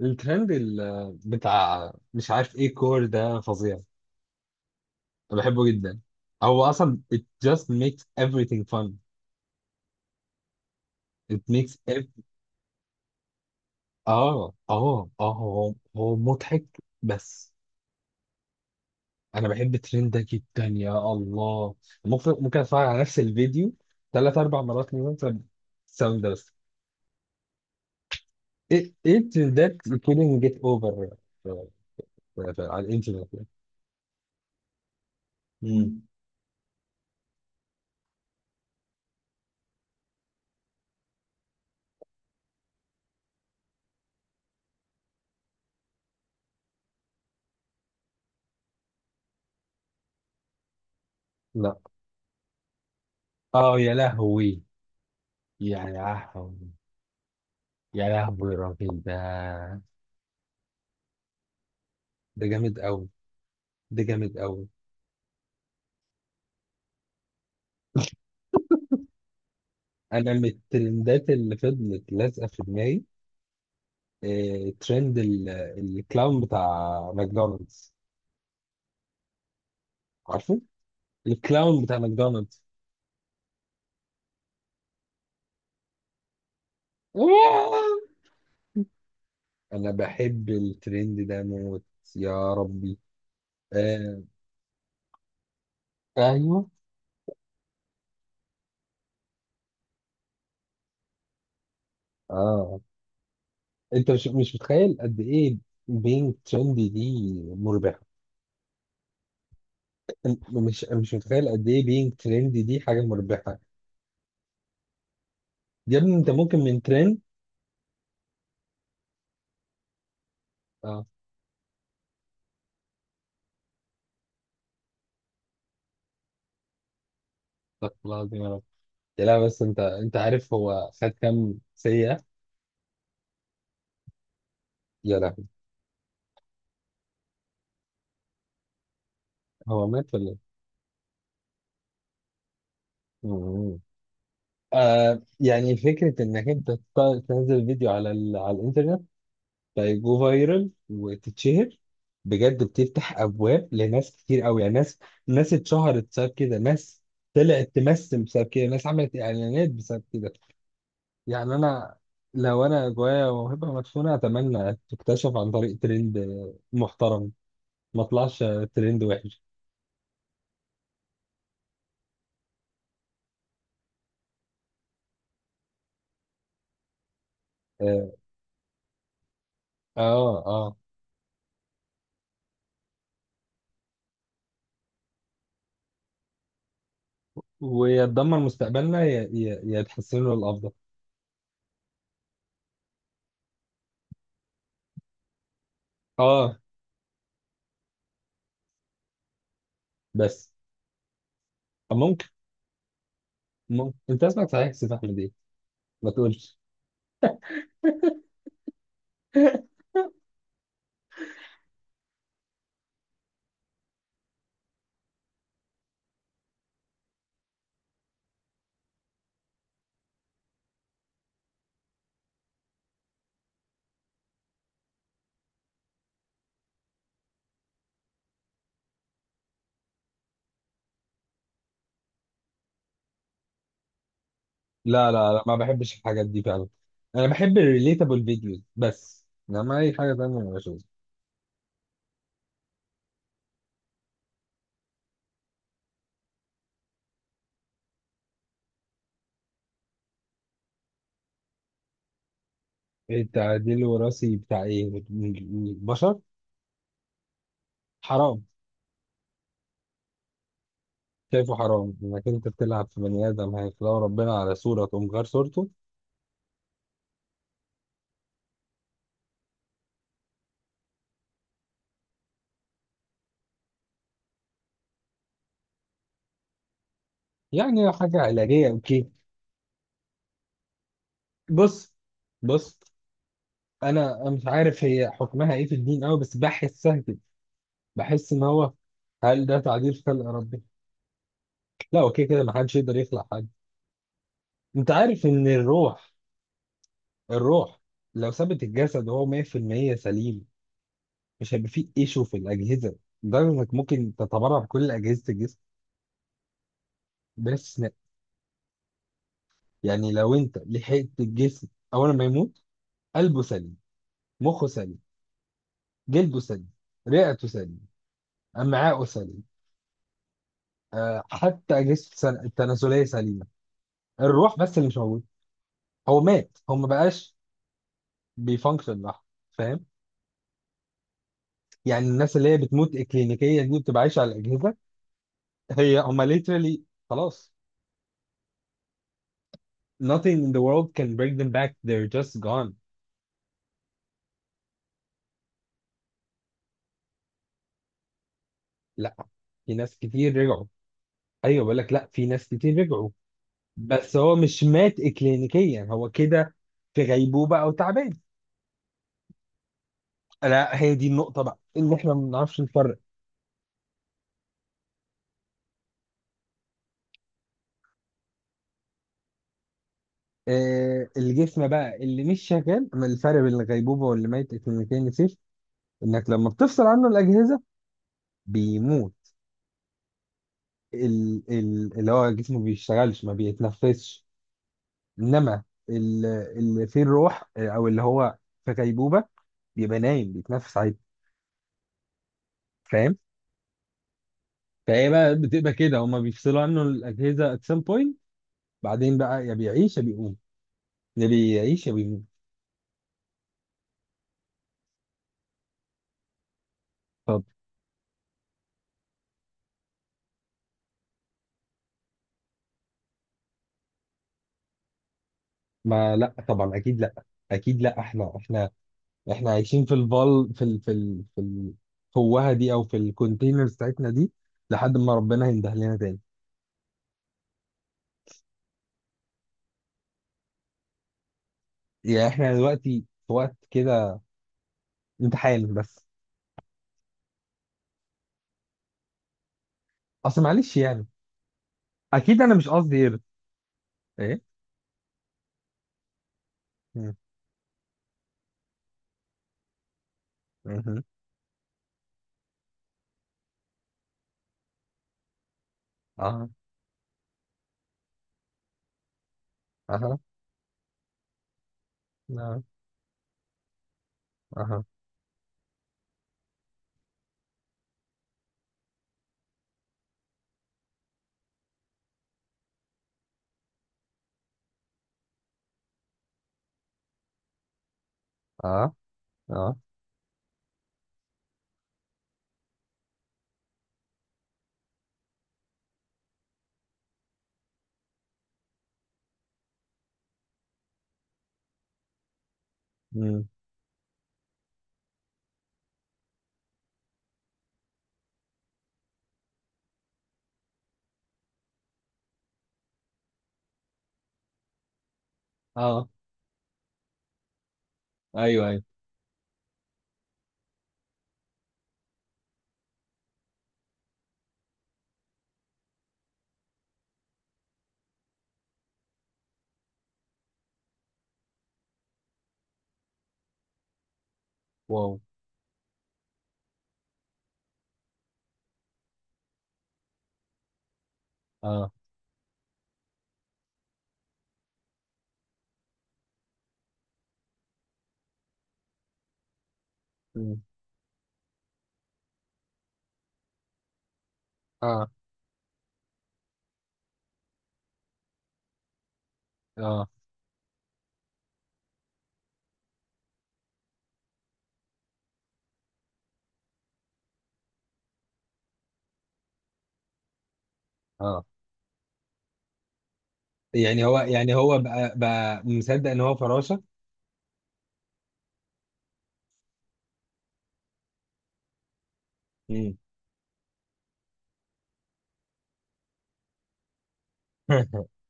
الترند بتاع مش عارف ايه كور ده فظيع. انا بحبه جدا. هو اصلا it just makes everything fun it makes ev اه اه اه هو مضحك بس. انا بحب الترند ده جدا، يا الله. ممكن اتفرج على نفس الفيديو ثلاث اربع مرات من مثلا الساوند ده بس. ايه الترندات you couldn't get over في- على الانترنت يعني؟ مم. لا. اه يا لهوي. يا لهوي، يا لهوي الراجل ده. ده جامد قوي، ده جامد قوي. انا من الترندات اللي فضلت لازقه في دماغي، آه، ترند الكلاون بتاع ماكدونالدز. عارفه، الكلاون بتاع ماكدونالدز. انا بحب الترند ده موت، يا ربي. آه. ايوه. اه، انت مش متخيل قد ايه بينج ترندي دي مربحه. أنت مش متخيل قد ايه بينج ترندي دي حاجه مربحه. يا ابني انت ممكن من ترند. اه. استغفر الله العظيم يا رب. لا بس انت عارف هو خد كام سيئة. يا لهوي. هو مات ولا ايه؟ مم. آه، يعني فكرة انك انت تنزل فيديو على الانترنت، فيجو فايرال وتتشهر، بجد بتفتح ابواب لناس كتير قوي. يعني ناس، ناس اتشهرت بسبب كده، ناس طلعت تمثل بسبب كده، ناس عملت اعلانات بسبب كده. يعني انا، لو انا جوايا موهبة مدفونة اتمنى تكتشف عن طريق ترند محترم. ما طلعش ترند وحش. اه، اه، آه. ويتدمر مستقبلنا يا يتحسن له الافضل. اه بس. ممكن ممكن انت اسمك صحيح يا سيف احمد ايه؟ ما تقولش. لا، لا، لا، ما بحبش الحاجات دي فعلا. انا بحب الريليتابل فيديوز بس، انما اي حاجه تانية ما بشوفها. التعديل الوراثي بتاع ايه، من البشر؟ حرام. شايفه حرام انك انت بتلعب في بني ادم، هيخلقه ربنا على صوره تقوم غير صورته. يعني حاجه علاجيه اوكي. بص، بص، انا مش عارف هي حكمها ايه في الدين قوي بس بحسها كده. بحس ان هو، هل ده تعديل في خلق ربنا؟ لا، هو كده كده ما حدش يقدر يخلق حد. انت عارف ان الروح لو ثبت الجسد وهو 100% سليم، مش هيبقى فيه ايشو في الاجهزه، لدرجه انك ممكن تتبرع بكل اجهزه الجسم بلا استثناء. يعني لو انت لحقت الجسم اول ما يموت، قلبه سليم، مخه سليم، جلده سليم، رئته سليم، امعاءه سليم، آه، حتى اجهزه التناسليه سليمه. الروح بس اللي مش موجود. هو مات، هو ما بقاش بيفانكشن لوحده. فاهم؟ يعني الناس اللي هي بتموت اكلينيكيه دي بتبقى عايشه على الاجهزه. هي هم literally خلاص، nothing in the world can bring them back they're just gone. لا، في ناس كتير رجعوا. ايوه، بقول لك لا، في ناس كتير رجعوا. بس هو مش مات اكلينيكيا، هو كده في غيبوبه او تعبان. لا، هي دي النقطه بقى اللي احنا ما بنعرفش نفرق. آه، الجسم بقى اللي مش شغال، ما الفرق بين الغيبوبه واللي ميت اكلينيكيا، نسيت انك لما بتفصل عنه الاجهزه بيموت. اللي هو جسمه بيشتغلش، ما بيتنفسش. انما اللي فيه الروح، آه، او اللي هو في غيبوبه بيبقى نايم بيتنفس عادي. فاهم؟ فهي بقى بتبقى كده، هما بيفصلوا عنه الاجهزه at some point، بعدين بقى يا بيعيش يا بيقوم، يا بيعيش يا بيموت. طب ما لا، طبعا اكيد لا. اكيد لا، احنا عايشين في الفال، في الفوهه دي او في الكونتينرز بتاعتنا دي لحد ما ربنا ينده لنا تاني. يعني احنا دلوقتي في وقت كده امتحان بس. اصل معلش يعني. اكيد انا مش قصدي ايه ايه. مم. مهم. اه. اها. اه. اها. اه. اه. مم. اه. ايوه، ايوه. واو. اه. مم. اه، اه، اه. يعني هو بقى مصدق ان هو فراشه. مم.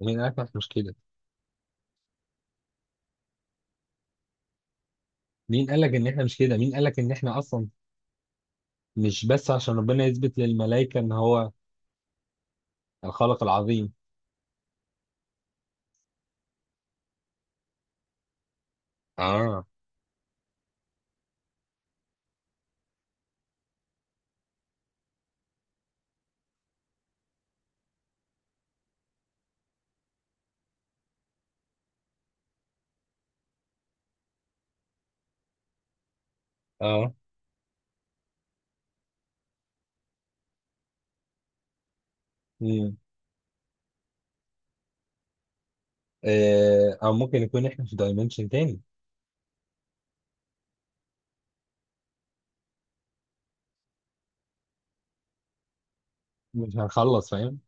مين قال لك إحنا مش كده؟ مين قال لك ان احنا مش كده؟ مين قال لك ان احنا اصلا مش بس عشان ربنا يثبت للملائكه ان هو الخالق العظيم. اه، اه، آه، او ممكن يكون احنا في دايمنشن تاني. مش هنخلص، فاهم.